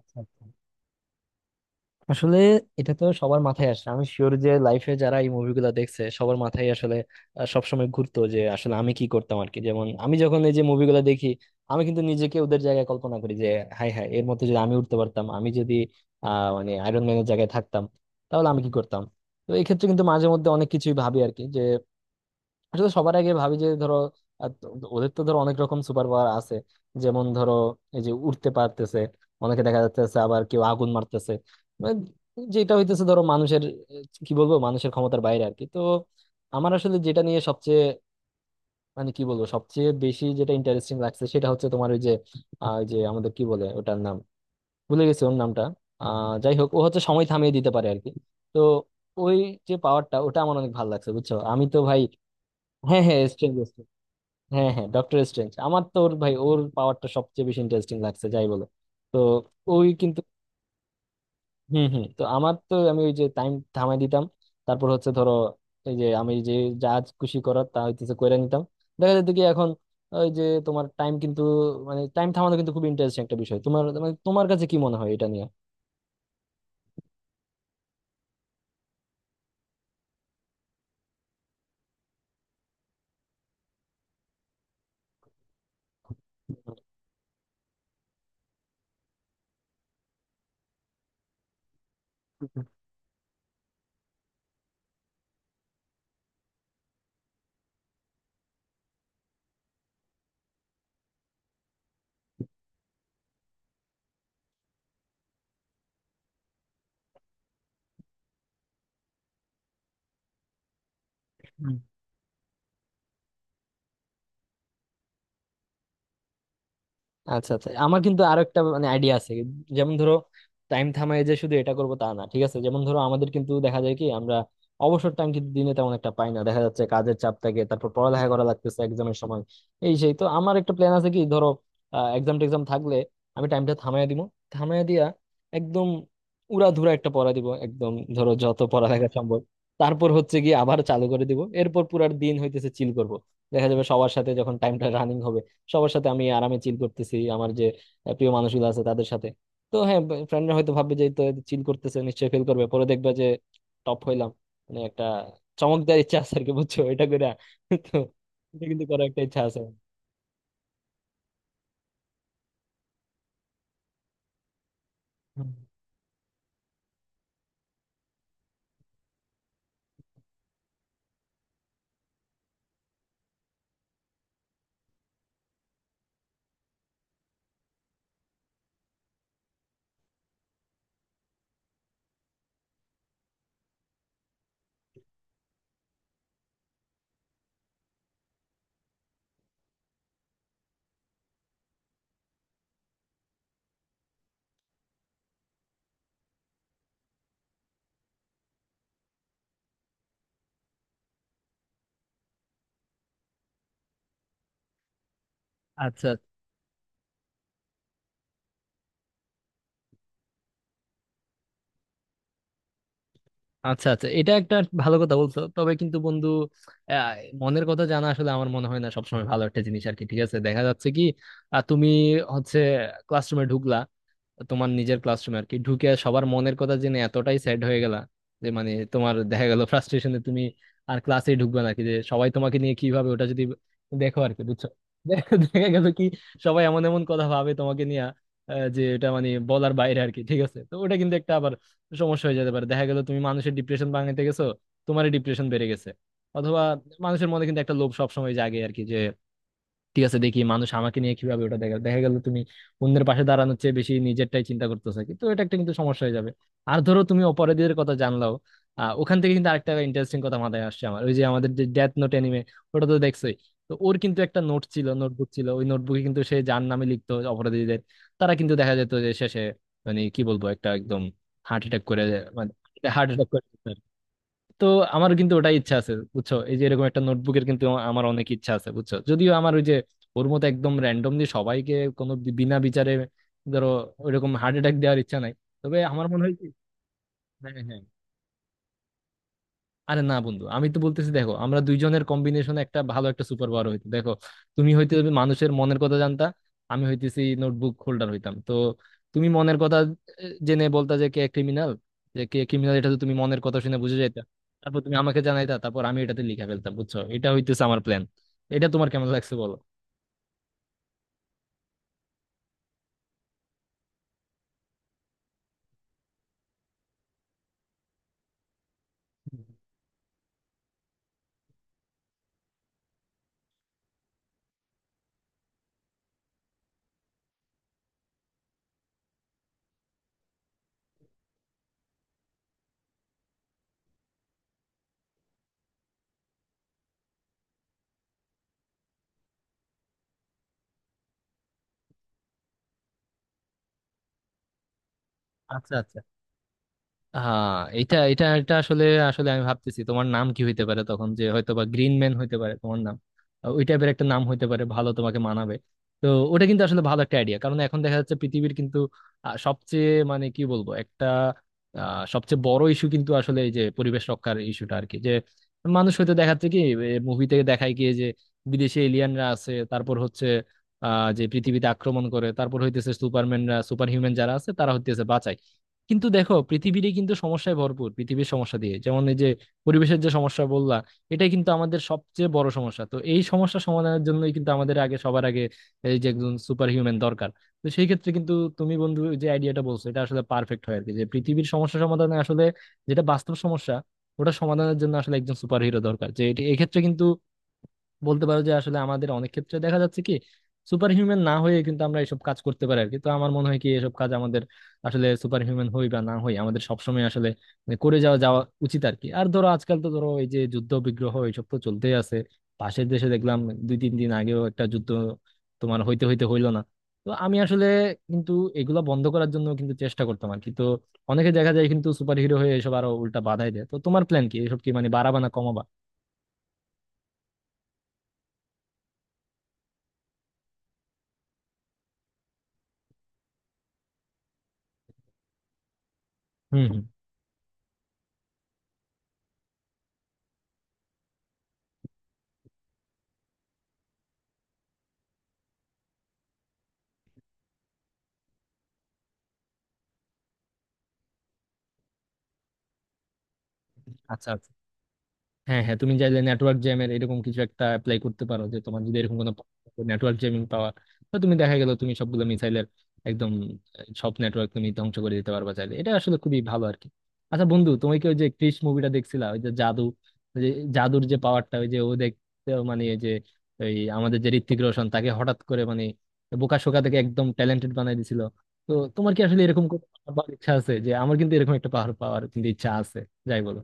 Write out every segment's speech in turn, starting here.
আচ্ছা, আচ্ছা। আসলে এটা তো সবার মাথায় আসে, আমি শিওর যে লাইফে যারা এই মুভিগুলো দেখছে সবার মাথায় আসলে সবসময় ঘুরতো যে আসলে আমি কি করতাম আর কি। যেমন আমি যখন এই যে মুভিগুলো দেখি, আমি কিন্তু নিজেকে ওদের জায়গায় কল্পনা করি যে হাই হাই এর মধ্যে যদি আমি উঠতে পারতাম, আমি যদি মানে আয়রন ম্যানের জায়গায় থাকতাম, তাহলে আমি কি করতাম। তো এই ক্ষেত্রে কিন্তু মাঝে মধ্যে অনেক কিছুই ভাবি আর কি, যে আসলে সবার আগে ভাবি যে ধরো, ওদের তো ধরো অনেক রকম সুপার পাওয়ার আছে। যেমন ধরো, এই যে উঠতে পারতেছে অনেকে দেখা যাচ্ছে, আবার কেউ আগুন মারতেছে। মানে যেটা হইতেছে ধরো মানুষের, কি বলবো, মানুষের ক্ষমতার বাইরে আর কি। তো আমার আসলে যেটা নিয়ে সবচেয়ে মানে কি বলবো, সবচেয়ে বেশি যেটা ইন্টারেস্টিং লাগছে সেটা হচ্ছে তোমার ওই যে ওই যে আমাদের কি বলে ওটার নাম, ভুলে গেছি ওর নামটা। যাই হোক, ও হচ্ছে সময় থামিয়ে দিতে পারে আর কি। তো ওই যে পাওয়ারটা, ওটা আমার অনেক ভালো লাগছে বুঝছো, আমি তো ভাই। হ্যাঁ হ্যাঁ, স্ট্রেঞ্জ। হ্যাঁ হ্যাঁ, ডক্টর স্ট্রেঞ্জ আমার তো ওর, ভাই ওর পাওয়ারটা সবচেয়ে বেশি ইন্টারেস্টিং লাগছে যাই বলো। তো ওই কিন্তু, হুম হুম, তো আমার তো আমি ওই যে টাইম থামাই দিতাম। তারপর হচ্ছে ধরো, এই যে আমি যে যা খুশি করার তা হইতেছে কইরা নিতাম। দেখা যেত কি এখন ওই যে তোমার টাইম কিন্তু মানে টাইম থামানো কিন্তু খুব ইন্টারেস্টিং একটা বিষয়। তোমার মানে তোমার কাছে কি মনে হয় এটা নিয়ে? আচ্ছা আচ্ছা, আমার কিন্তু আরো একটা মানে আইডিয়া আছে। যেমন ধরো, টাইম থামায় যে শুধু এটা করবো তা না, ঠিক আছে? যেমন ধরো, আমাদের কিন্তু দেখা যায় কি, আমরা অবসর টাইম কিন্তু দিনে তেমন একটা পাই না। দেখা যাচ্ছে কাজের চাপ থাকে, তারপর পড়ালেখা করা লাগতেছে এক্সামের সময়। এই সেই, তো আমার একটা প্ল্যান আছে কি, ধরো এক্সাম টেক্সাম থাকলে আমি টাইমটা থামায় দিব। থামায় দিয়া একদম উড়াধুরা একটা পড়া দিব, একদম ধরো যত পড়ালেখা সম্ভব। তারপর হচ্ছে গিয়ে আবার চালু করে দিব, এরপর পুরার দিন হইতেছে চিল করব। দেখা যাবে সবার সাথে যখন টাইমটা রানিং হবে, সবার সাথে আমি আরামে চিল করতেছি আমার যে প্রিয় মানুষগুলো আছে তাদের সাথে। তো হ্যাঁ, ফ্রেন্ডরা হয়তো ভাববে যে চিল করতেছে নিশ্চয়ই ফিল করবে, পরে দেখবে যে টপ হইলাম। মানে একটা চমকদার ইচ্ছা আছে আর কি বুঝছো, এটা করে। তো এটা কিন্তু করার একটা ইচ্ছা আছে। হুম। আচ্ছা আচ্ছা আচ্ছা, এটা একটা ভালো কথা বলছো, তবে কিন্তু বন্ধু, আহ, মনের কথা জানা আসলে আমার মনে হয় না সবসময় ভালো একটা জিনিস আর কি। ঠিক আছে, দেখা যাচ্ছে কি তুমি হচ্ছে ক্লাসরুমে ঢুকলা, তোমার নিজের ক্লাসরুমে আর কি, ঢুকে সবার মনের কথা জেনে এতটাই স্যাড হয়ে গেলা যে মানে তোমার দেখা গেল ফ্রাস্ট্রেশনে তুমি আর ক্লাসে ঢুকবে না। কি যে সবাই তোমাকে নিয়ে কিভাবে ওটা, যদি দেখো আর কি বুঝছো। দেখা দেখা গেল কি সবাই এমন এমন কথা ভাবে তোমাকে নিয়ে, যে এটা মানে বলার বাইরে আর কি। ঠিক আছে, তো ওটা কিন্তু একটা আবার সমস্যা হয়ে যেতে পারে। দেখা গেল তুমি মানুষের ডিপ্রেশন ভাঙাতে গেছো, তোমারই ডিপ্রেশন বেড়ে গেছে। অথবা মানুষের মনে কিন্তু একটা লোভ সবসময় জাগে আর কি, যে ঠিক আছে দেখি মানুষ আমাকে নিয়ে কিভাবে ওটা। দেখা দেখা গেল তুমি অন্যের পাশে দাঁড়ানোর চেয়ে বেশি নিজেরটাই চিন্তা করতেছো কি। তো এটা একটা কিন্তু সমস্যা হয়ে যাবে। আর ধরো তুমি অপরাধীদের কথা জানলাও, ওখান থেকে কিন্তু আরেকটা ইন্টারেস্টিং কথা মাথায় আসছে আমার, ওই যে আমাদের যে ডেথ নোট অ্যানিমে, ওটা তো দেখছোই। তো ওর কিন্তু একটা নোট ছিল, নোটবুক ছিল, ওই নোটবুকে কিন্তু সে যার নামে লিখতো অপরাধীদের, তারা কিন্তু দেখা যেত যে শেষে মানে কি বলবো একটা একদম হার্ট অ্যাটাক করে। মানে হার্ট অ্যাটাক করে, তো আমার কিন্তু ওটাই ইচ্ছা আছে বুঝছো, এই যে এরকম একটা নোটবুকের কিন্তু আমার অনেক ইচ্ছা আছে বুঝছো। যদিও আমার ওই যে ওর মতো একদম র্যান্ডমলি সবাইকে, কোনো বিনা বিচারে ধরো ওইরকম হার্ট অ্যাটাক দেওয়ার ইচ্ছা নাই। তবে আমার মনে হয় কি, হ্যাঁ হ্যাঁ, আরে না বন্ধু, আমি তো বলতেছি দেখো, আমরা দুইজনের কম্বিনেশন একটা ভালো একটা সুপার পাওয়ার হইতো। দেখো, তুমি হইতে মানুষের মনের কথা জানতা, আমি হইতেছি নোটবুক হোল্ডার হইতাম। তো তুমি মনের কথা জেনে বলতা যে কে ক্রিমিনাল, যে কে ক্রিমিনাল এটা তো তুমি মনের কথা শুনে বুঝে যাইতা, তারপর তুমি আমাকে জানাইতা, তারপর আমি এটাতে লিখে ফেলতাম বুঝছো। এটা হইতেছে আমার প্ল্যান, এটা তোমার কেমন লাগছে বলো? আচ্ছা আচ্ছা, হ্যাঁ, এটা এটা এটা আসলে, আসলে আমি ভাবতেছি তোমার নাম কি হইতে পারে তখন, যে হয়তো বা গ্রিন ম্যান হইতে পারে তোমার নাম, ওই টাইপের একটা নাম হইতে পারে, ভালো তোমাকে মানাবে। তো ওটা কিন্তু আসলে ভালো একটা আইডিয়া, কারণ এখন দেখা যাচ্ছে পৃথিবীর কিন্তু সবচেয়ে মানে কি বলবো একটা সবচেয়ে বড় ইস্যু কিন্তু আসলে এই যে পরিবেশ রক্ষার ইস্যুটা আর কি। যে মানুষ হয়তো দেখাচ্ছে কি, মুভি থেকে দেখায় গিয়ে যে বিদেশে এলিয়ানরা আছে, তারপর হচ্ছে যে পৃথিবীতে আক্রমণ করে, তারপর হইতেছে সুপারম্যানরা সুপার হিউম্যান যারা আছে তারা হইতেছে বাঁচায়। কিন্তু দেখো পৃথিবীরই কিন্তু সমস্যায় ভরপুর, পৃথিবীর সমস্যা দিয়ে, যেমন এই যে পরিবেশের যে সমস্যা বললা, এটা কিন্তু আমাদের সবচেয়ে বড় সমস্যা। তো এই সমস্যা সমাধানের জন্যই কিন্তু আমাদের আগে, সবার আগে এই যে একজন সুপার হিউম্যান দরকার। তো সেই ক্ষেত্রে কিন্তু তুমি বন্ধু যে আইডিয়াটা বলছো এটা আসলে পারফেক্ট হয় আর কি, যে পৃথিবীর সমস্যা সমাধানে আসলে যেটা বাস্তব সমস্যা, ওটা সমাধানের জন্য আসলে একজন সুপার হিরো দরকার। যে এক্ষেত্রে কিন্তু বলতে পারো যে আসলে আমাদের অনেক ক্ষেত্রে দেখা যাচ্ছে কি, সুপার হিউম্যান না হয়ে কিন্তু আমরা এসব কাজ করতে পারি আর কি। তো আমার মনে হয় কি, এসব কাজ আমাদের আসলে সুপার হিউম্যান হই বা না হই, আমাদের সবসময় আসলে মানে করে যাওয়া যাওয়া উচিত আর কি। আর ধরো আজকাল তো ধরো এই যে যুদ্ধ বিগ্রহ এইসব তো চলতেই আছে, পাশের দেশে দেখলাম দুই তিন দিন আগেও একটা যুদ্ধ তোমার হইতে হইতে হইলো না। তো আমি আসলে কিন্তু এগুলা বন্ধ করার জন্য কিন্তু চেষ্টা করতাম আর কি। তো অনেকে দেখা যায় কিন্তু সুপার হিরো হয়ে এসব আরো উল্টা বাধাই দেয়, তো তোমার প্ল্যান কি, এসব কি মানে বাড়াবা না কমাবা? হুম হুম। আচ্ছা আচ্ছা, হ্যাঁ হ্যাঁ, তুমি চাইলে নেটওয়ার্ক জ্যামের এরকম কিছু একটা অ্যাপ্লাই করতে পারো, যে তোমার যদি এরকম কোনো নেটওয়ার্ক জ্যামিং পাওয়ার, তো তুমি দেখা গেল তুমি সবগুলো মিসাইলের একদম সব নেটওয়ার্ক তুমি ধ্বংস করে দিতে পারবা চাইলে। এটা আসলে খুবই ভালো আর কি। আচ্ছা বন্ধু, তুমি কি ওই যে ক্রিশ মুভিটা দেখছিলা, ওই যে জাদু, ওই যে জাদুর যে পাওয়ারটা, ওই যে ও দেখতে মানে এই যে ওই আমাদের যে ঋত্বিক রোশন, তাকে হঠাৎ করে মানে বোকা শোকা থেকে একদম ট্যালেন্টেড বানাই দিছিল। তো তোমার কি আসলে এরকম কোনো পাওয়ার ইচ্ছা আছে? যে আমার কিন্তু এরকম একটা পাওয়ার পাওয়ার কিন্তু ইচ্ছা আছে যাই বলো।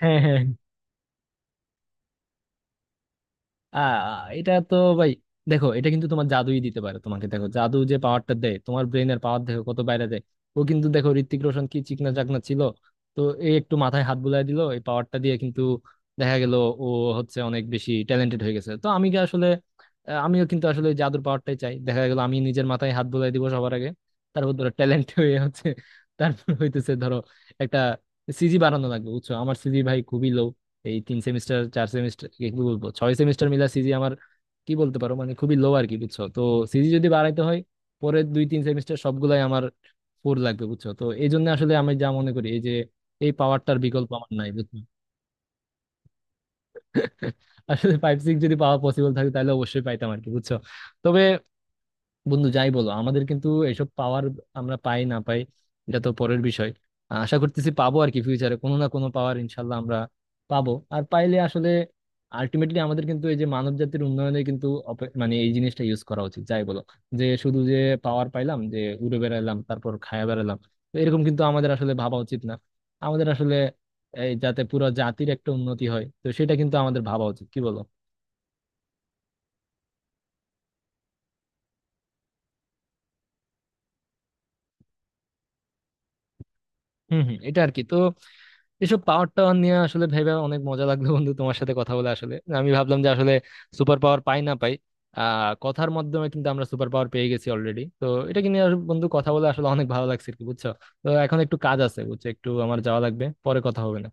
হ্যাঁ হ্যাঁ। আহ এটা তো ভাই, দেখো এটা কিন্তু তোমার জাদুই দিতে পারে তোমাকে। দেখো জাদু যে পাওয়ারটা দেয়, তোমার ব্রেনের পাওয়ার দেখো কত বাইরে যায়। ও কিন্তু দেখো ঋত্বিক রোশন কি চিকনা চাকনা ছিল, তো এই একটু মাথায় হাত বুলাই দিল এই পাওয়ারটা দিয়ে, কিন্তু দেখা গেল ও হচ্ছে অনেক বেশি ট্যালেন্টেড হয়ে গেছে। তো আমি কি আসলে আমিও কিন্তু আসলে ওই জাদুর পাওয়ারটাই চাই। দেখা গেল আমি নিজের মাথায় হাত বুলাই দিব সবার আগে, তারপর ধরো ট্যালেন্ট হয়ে হচ্ছে, তারপর হইতেছে ধরো একটা সিজি বাড়ানো লাগবে বুঝছো। আমার সিজি ভাই খুবই লো, এই তিন সেমিস্টার চার সেমিস্টার কি বলবো ছয় সেমিস্টার মিলা সিজি আমার কি বলতে পারো মানে খুবই লো আর কি বুঝছো। তো সিজি যদি বাড়াইতে হয় পরের দুই তিন সেমিস্টার সবগুলাই আমার ফোর লাগবে বুঝছো। তো এই জন্য আসলে আমি যা মনে করি এই যে এই পাওয়ারটার বিকল্প আমার নাই বুঝছো। আসলে ফাইভ সিক্স যদি পাওয়া পসিবল থাকে তাহলে অবশ্যই পাইতাম আর কি বুঝছো। তবে বন্ধু যাই বলো, আমাদের কিন্তু এসব পাওয়ার আমরা পাই না পাই এটা তো পরের বিষয়। আশা করতেছি পাবো আর কি, ফিউচারে কোনো না কোনো পাওয়ার ইনশাল্লাহ আমরা পাবো। আর পাইলে আসলে আলটিমেটলি আমাদের কিন্তু এই যে মানব জাতির উন্নয়নে কিন্তু মানে এই জিনিসটা ইউজ করা উচিত যাই বলো। যে শুধু যে পাওয়ার পাইলাম যে উড়ে বেড়ালাম তারপর খায়া বেড়ালাম, তো এরকম কিন্তু আমাদের আসলে ভাবা উচিত না। আমাদের আসলে এই যাতে পুরো জাতির একটা উন্নতি হয়, তো সেটা কিন্তু আমাদের ভাবা উচিত, কি বলো? হম হম, এটা আর কি। তো এসব পাওয়ার টাওয়ার নিয়ে আসলে ভেবে অনেক মজা লাগলো বন্ধু, তোমার সাথে কথা বলে আসলে আমি ভাবলাম যে আসলে সুপার পাওয়ার পাই না পাই, কথার মাধ্যমে কিন্তু আমরা সুপার পাওয়ার পেয়ে গেছি অলরেডি। তো এটা নিয়ে আর বন্ধু কথা বলে আসলে অনেক ভালো লাগছে আর কি বুঝছো। তো এখন একটু কাজ আছে বুঝছো, একটু আমার যাওয়া লাগবে, পরে কথা হবে না।